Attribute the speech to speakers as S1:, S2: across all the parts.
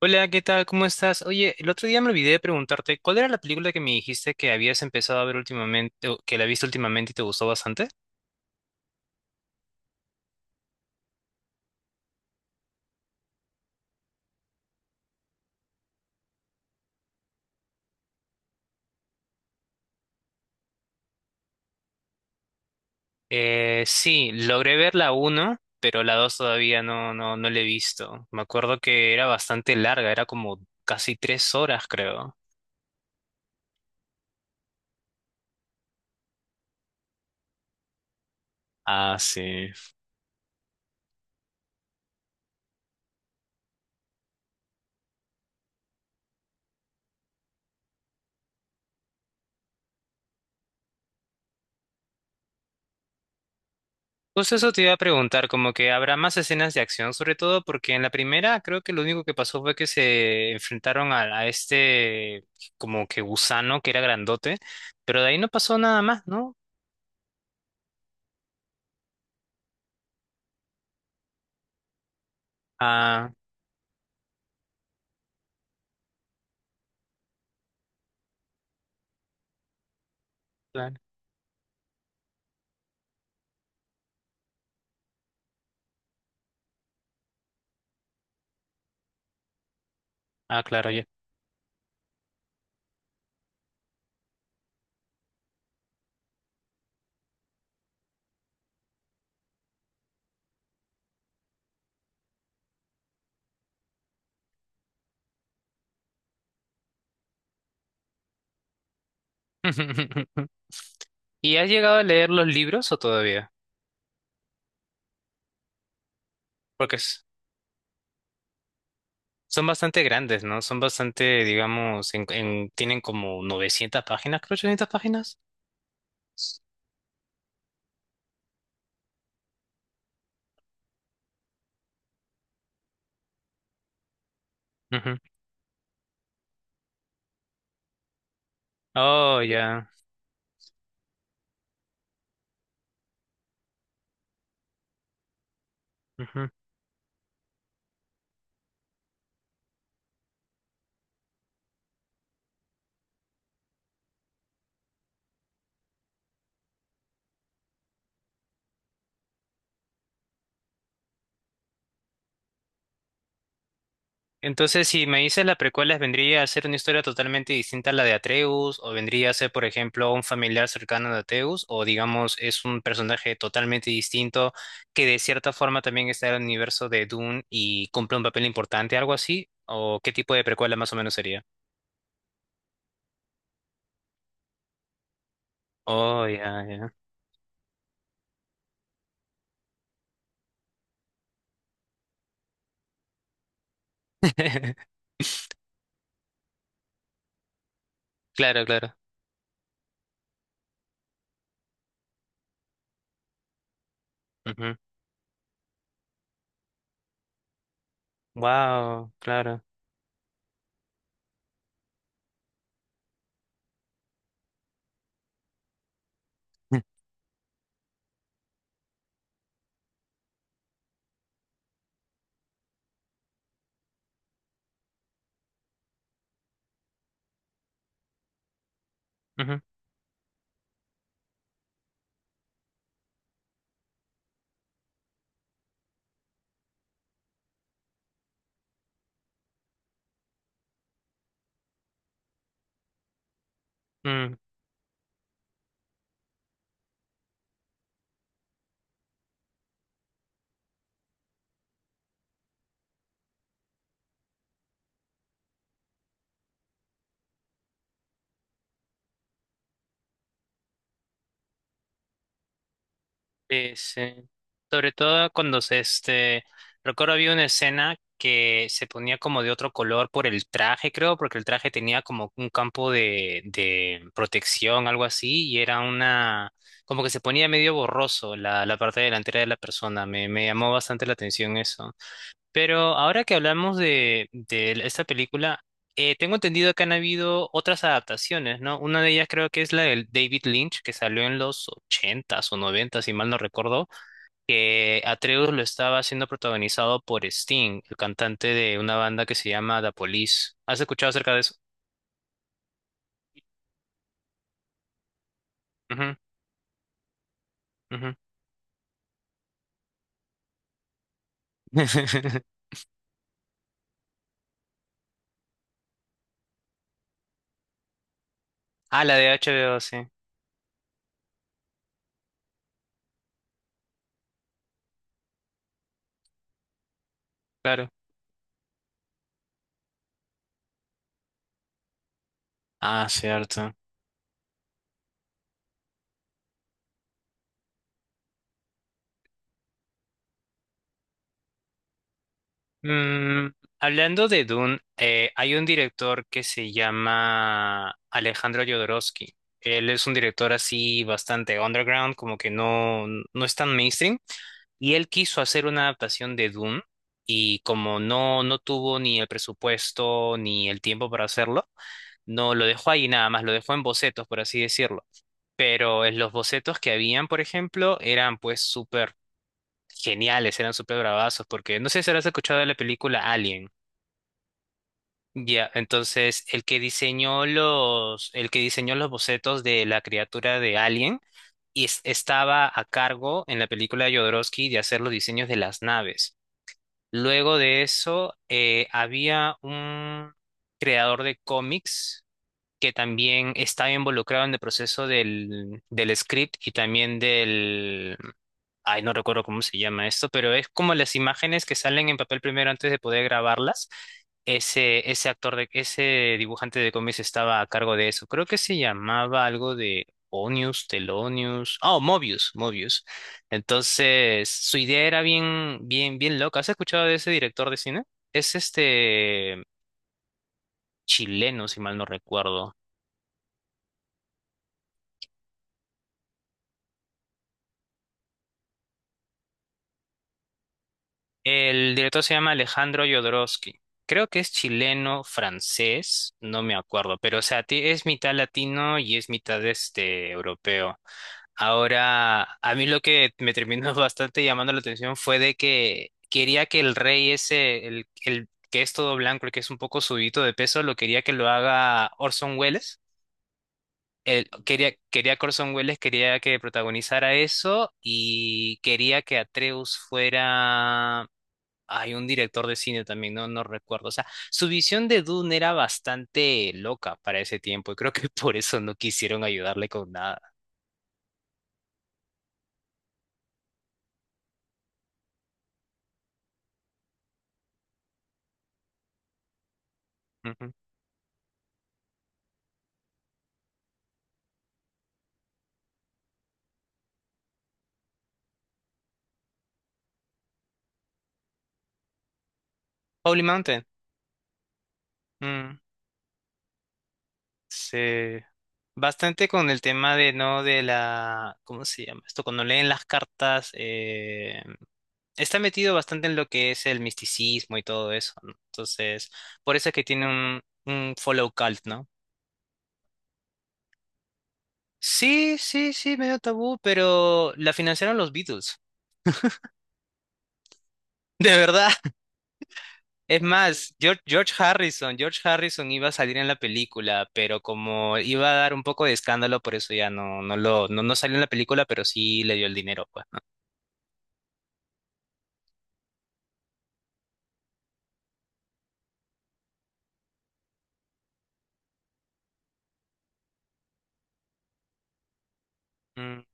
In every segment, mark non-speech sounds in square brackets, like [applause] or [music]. S1: Hola, ¿qué tal? ¿Cómo estás? Oye, el otro día me olvidé de preguntarte, ¿cuál era la película que me dijiste que habías empezado a ver últimamente, o que la viste últimamente y te gustó bastante? Sí, logré ver la 1, pero la 2 todavía no, no la he visto. Me acuerdo que era bastante larga, era como casi 3 horas, creo. Ah, sí. Justo eso te iba a preguntar, como que habrá más escenas de acción, sobre todo porque en la primera creo que lo único que pasó fue que se enfrentaron a este como que gusano que era grandote, pero de ahí no pasó nada más, ¿no? Ah, claro. Ah, claro, ya. [laughs] ¿Y has llegado a leer los libros o todavía? Porque es- Son bastante grandes, ¿no? Son bastante, digamos, tienen como 900 páginas, creo, 800 páginas. Ujú. Oh, ya. Entonces, si me dices las precuelas, ¿vendría a ser una historia totalmente distinta a la de Atreus? ¿O vendría a ser, por ejemplo, un familiar cercano de Atreus? ¿O digamos, es un personaje totalmente distinto que de cierta forma también está en el universo de Dune y cumple un papel importante, algo así? ¿O qué tipo de precuela más o menos sería? Oh, ya, ya. [laughs] Claro, claro. Wow, claro. [laughs] Ujú, mm. Sí, sí. Sobre todo cuando recuerdo había una escena que se ponía como de otro color por el traje, creo, porque el traje tenía como un campo de protección, algo así, y era una, como que se ponía medio borroso la parte delantera de la persona. Me llamó bastante la atención eso. Pero ahora que hablamos de esta película, tengo entendido que han habido otras adaptaciones, ¿no? Una de ellas creo que es la del David Lynch, que salió en los ochentas o noventas, si mal no recuerdo, que Atreus lo estaba siendo protagonizado por Sting, el cantante de una banda que se llama The Police. ¿Has escuchado acerca de eso? Ujú, ujú. [laughs] Ah, la de HBO, sí, claro. Ah, cierto. Mm, hablando de Dune, hay un director que se llama Alejandro Jodorowsky. Él es un director así bastante underground, como que no, no es tan mainstream. Y él quiso hacer una adaptación de Dune y como no, no tuvo ni el presupuesto ni el tiempo para hacerlo, no lo dejó ahí nada más, lo dejó en bocetos, por así decirlo. Pero en los bocetos que habían, por ejemplo, eran pues súper geniales, eran súper bravazos, porque no sé si habrás escuchado de la película Alien. Ya, entonces el que diseñó los, el que diseñó los bocetos de la criatura de Alien estaba a cargo en la película de Jodorowsky de hacer los diseños de las naves. Luego de eso, había un creador de cómics que también estaba involucrado en el proceso del script y también del, ay, no recuerdo cómo se llama esto, pero es como las imágenes que salen en papel primero antes de poder grabarlas ese, ese actor de, ese dibujante de cómics estaba a cargo de eso. Creo que se llamaba algo de Onius, Telonius, oh, Mobius, Mobius. Entonces, su idea era bien, bien, bien loca. ¿Has escuchado de ese director de cine? Es este chileno, si mal no recuerdo. El director se llama Alejandro Jodorowsky. Creo que es chileno, francés, no me acuerdo, pero o sea, ti- es mitad latino y es mitad este europeo. Ahora, a mí lo que me terminó [laughs] bastante llamando la atención fue de que quería que el rey ese, el que es todo blanco, el que es un poco subidito de peso, lo quería que lo haga Orson Welles. Él quería, quería que Orson Welles quería que protagonizara eso y quería que Atreus fuera... Hay un director de cine también, no recuerdo. O sea, su visión de Dune era bastante loca para ese tiempo y creo que [laughs] por eso no quisieron ayudarle con nada. Ujú. Holy Mountain. Mm. Se bastante con el tema de no de la ¿cómo se llama esto? Cuando leen las cartas está metido bastante en lo que es el misticismo y todo eso, ¿no? Entonces, por eso es que tiene un follow cult, ¿no? Sí, sí, sí, medio tabú, pero la financiaron los Beatles. [laughs] De verdad. Es más, George Harrison, George Harrison iba a salir en la película, pero como iba a dar un poco de escándalo, por eso ya no, no salió en la película, pero sí le dio el dinero, pues. Mm,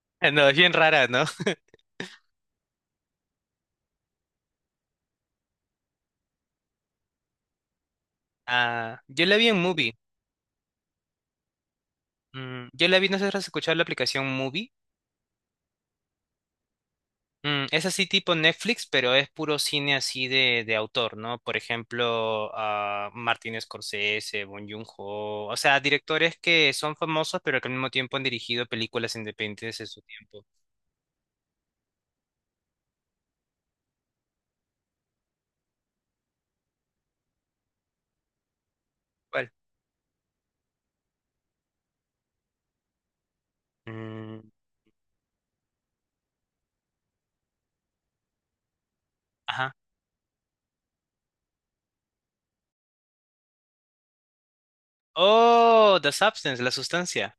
S1: [laughs] No, es bien rara, ¿no? Ah, yo la vi en movie. Mm, yo la vi, no sé si has escuchado la aplicación movie. Mm, es así tipo Netflix, pero es puro cine así de autor, ¿no? Por ejemplo, ah, Martin Scorsese, Bong Joon-ho, o sea, directores que son famosos, pero que al mismo tiempo han dirigido películas independientes en su tiempo. ¿Cuál? Mm, ajá. Oh, The Substance, la sustancia.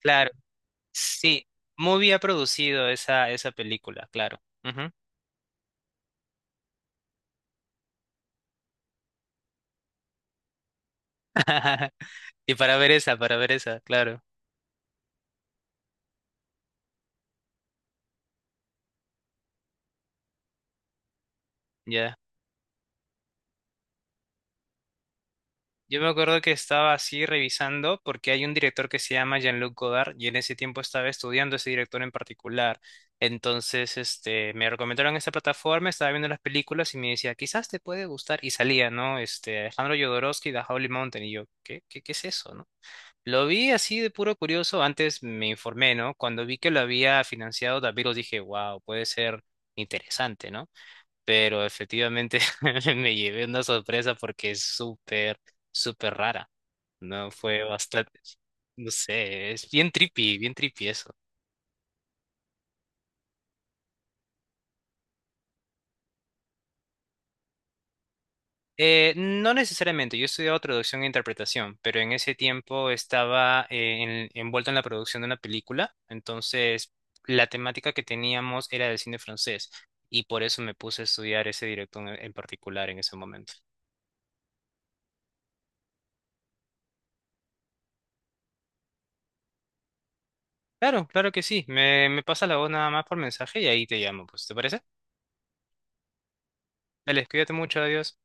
S1: Claro. Sí, muy bien producido esa, esa película, claro. Ujú. [laughs] Y para ver esa, claro, ya. Yo me acuerdo que estaba así revisando porque hay un director que se llama Jean-Luc Godard y en ese tiempo estaba estudiando ese director en particular. Entonces, me recomendaron esta plataforma, estaba viendo las películas y me decía, quizás te puede gustar. Y salía, ¿no? Alejandro Jodorowsky, The Holy Mountain. Y yo, qué es eso, no?". Lo vi así de puro curioso, antes me informé, ¿no? Cuando vi que lo había financiado Daviros dije, wow, puede ser interesante, ¿no? Pero efectivamente [laughs] me llevé una sorpresa porque es súper, súper rara, ¿no? Fue bastante, no sé, es bien trippy, bien trippy. No necesariamente, yo he estudiado traducción e interpretación, pero en ese tiempo estaba envuelto en la producción de una película, entonces la temática que teníamos era del cine francés y por eso me puse a estudiar ese director en particular en ese momento. Claro, claro que sí, me pasa la voz nada más por mensaje y ahí te llamo, pues, ¿te parece? Dale, cuídate mucho, adiós.